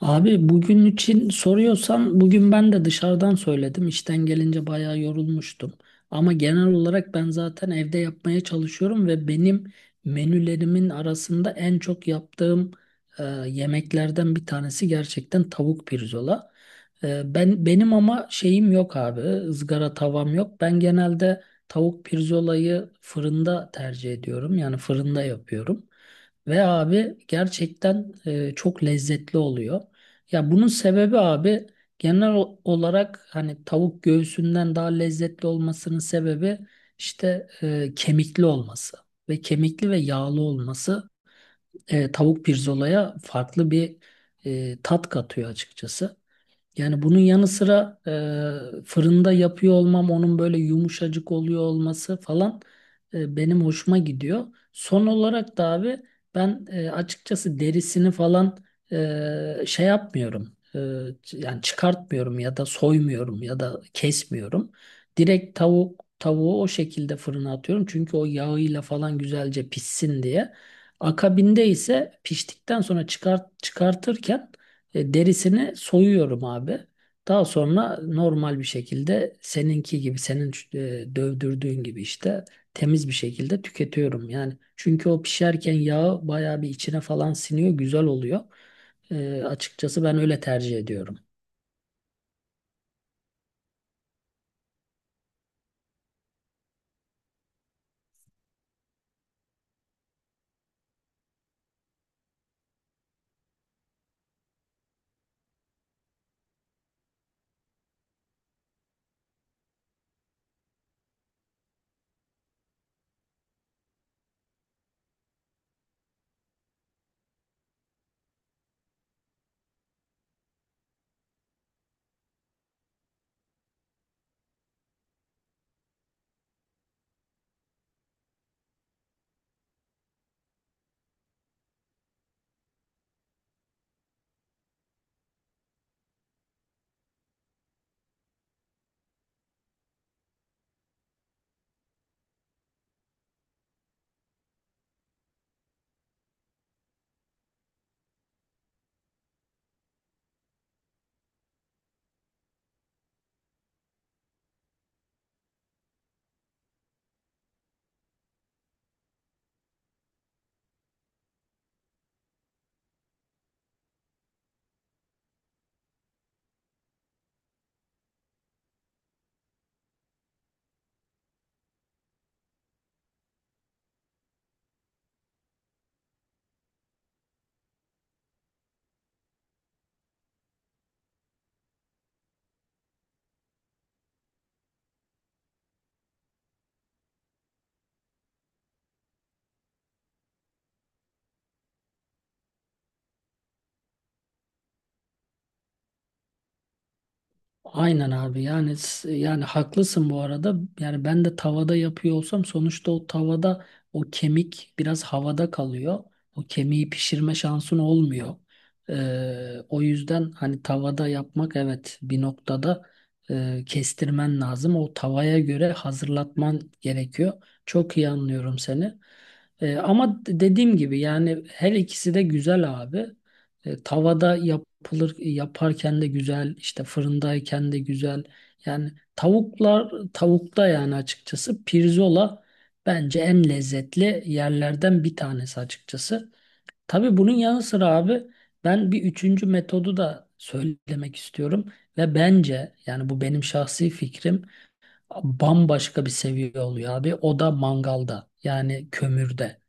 Abi bugün için soruyorsan bugün ben de dışarıdan söyledim. İşten gelince bayağı yorulmuştum. Ama genel olarak ben zaten evde yapmaya çalışıyorum ve benim menülerimin arasında en çok yaptığım e, yemeklerden bir tanesi gerçekten tavuk pirzola. Benim ama şeyim yok abi. Izgara tavam yok. Ben genelde tavuk pirzolayı fırında tercih ediyorum. Yani fırında yapıyorum. Ve abi gerçekten çok lezzetli oluyor. Ya bunun sebebi abi genel olarak hani tavuk göğsünden daha lezzetli olmasının sebebi işte kemikli olması ve kemikli ve yağlı olması tavuk pirzolaya farklı bir tat katıyor açıkçası. Yani bunun yanı sıra fırında yapıyor olmam, onun böyle yumuşacık oluyor olması falan benim hoşuma gidiyor. Son olarak da abi ben açıkçası derisini falan şey yapmıyorum. Yani çıkartmıyorum ya da soymuyorum ya da kesmiyorum. Direkt tavuğu o şekilde fırına atıyorum. Çünkü o yağıyla falan güzelce pişsin diye. Akabinde ise piştikten sonra çıkartırken derisini soyuyorum abi. Daha sonra normal bir şekilde seninki gibi, senin dövdürdüğün gibi işte temiz bir şekilde tüketiyorum. Yani çünkü o pişerken yağı bayağı bir içine falan siniyor, güzel oluyor. Açıkçası ben öyle tercih ediyorum. Aynen abi yani haklısın bu arada. Yani ben de tavada yapıyor olsam sonuçta o tavada o kemik biraz havada kalıyor. O kemiği pişirme şansın olmuyor. O yüzden hani tavada yapmak evet bir noktada kestirmen lazım. O tavaya göre hazırlatman gerekiyor. Çok iyi anlıyorum seni. Ama dediğim gibi yani her ikisi de güzel abi. Tavada yapılır yaparken de güzel, işte fırındayken de güzel. Yani tavukta yani açıkçası pirzola bence en lezzetli yerlerden bir tanesi açıkçası. Tabii bunun yanı sıra abi ben bir üçüncü metodu da söylemek istiyorum ve bence yani bu benim şahsi fikrim bambaşka bir seviye oluyor abi. O da mangalda yani kömürde.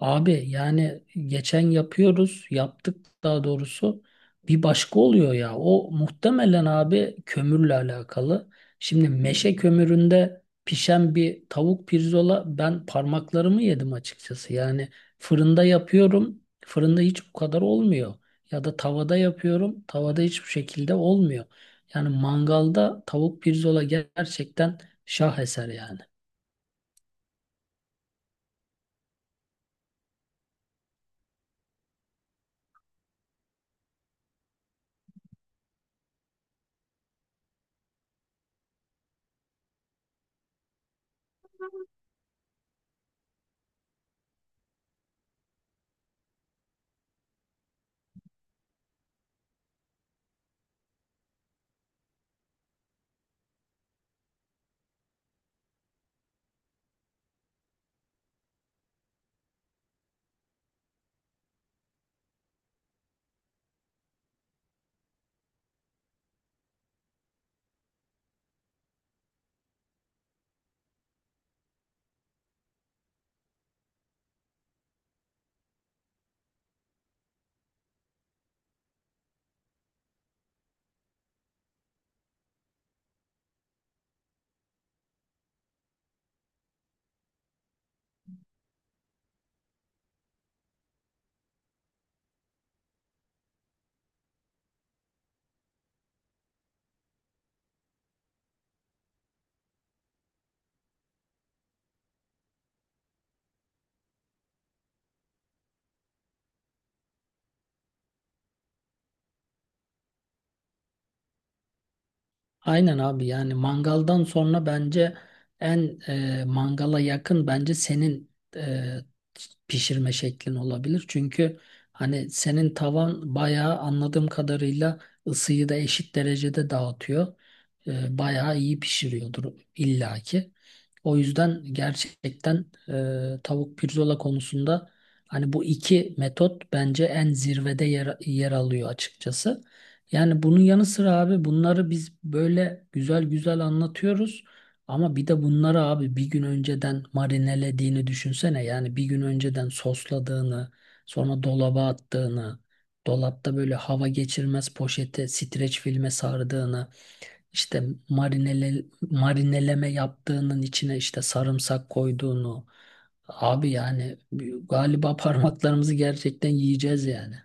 Abi yani geçen yaptık daha doğrusu. Bir başka oluyor ya. O muhtemelen abi kömürle alakalı. Şimdi meşe kömüründe pişen bir tavuk pirzola ben parmaklarımı yedim açıkçası. Yani fırında yapıyorum. Fırında hiç bu kadar olmuyor. Ya da tavada yapıyorum. Tavada hiçbir şekilde olmuyor. Yani mangalda tavuk pirzola gerçekten şaheser yani. Aynen abi yani mangaldan sonra bence en mangala yakın bence senin pişirme şeklin olabilir. Çünkü hani senin tavan bayağı anladığım kadarıyla ısıyı da eşit derecede dağıtıyor. Bayağı iyi pişiriyordur illaki. O yüzden gerçekten tavuk pirzola konusunda hani bu iki metot bence en zirvede yer alıyor açıkçası. Yani bunun yanı sıra abi bunları biz böyle güzel güzel anlatıyoruz. Ama bir de bunları abi bir gün önceden marinelediğini düşünsene. Yani bir gün önceden sosladığını, sonra dolaba attığını, dolapta böyle hava geçirmez poşete, streç filme sardığını, işte marinele, marineleme yaptığının içine işte sarımsak koyduğunu. Abi yani galiba parmaklarımızı gerçekten yiyeceğiz yani.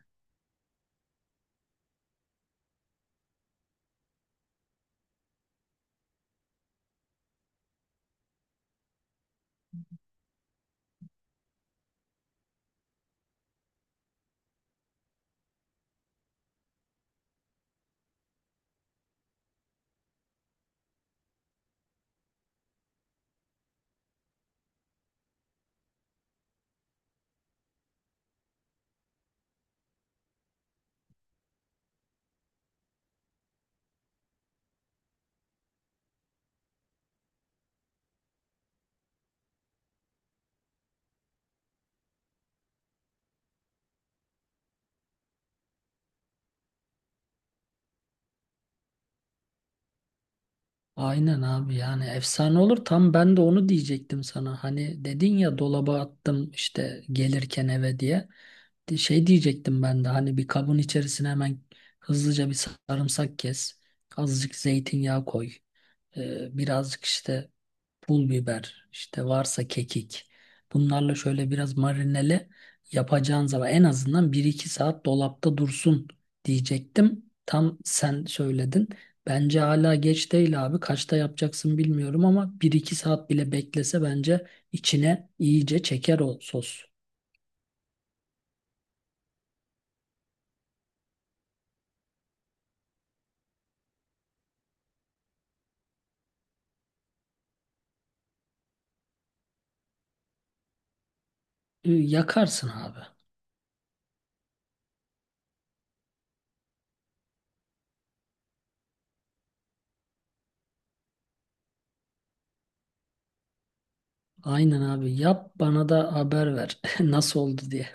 Aynen abi yani efsane olur. Tam ben de onu diyecektim sana. Hani dedin ya dolaba attım işte gelirken eve diye. Şey diyecektim ben de hani bir kabın içerisine hemen hızlıca bir sarımsak kes. Azıcık zeytinyağı koy. Birazcık işte pul biber, işte varsa kekik. Bunlarla şöyle biraz marinele yapacağın zaman en azından bir iki saat dolapta dursun diyecektim. Tam sen söyledin. Bence hala geç değil abi. Kaçta yapacaksın bilmiyorum ama bir iki saat bile beklese bence içine iyice çeker o sos. Yakarsın abi. Aynen abi. Yap bana da haber ver nasıl oldu diye.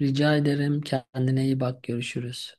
Rica ederim. Kendine iyi bak. Görüşürüz.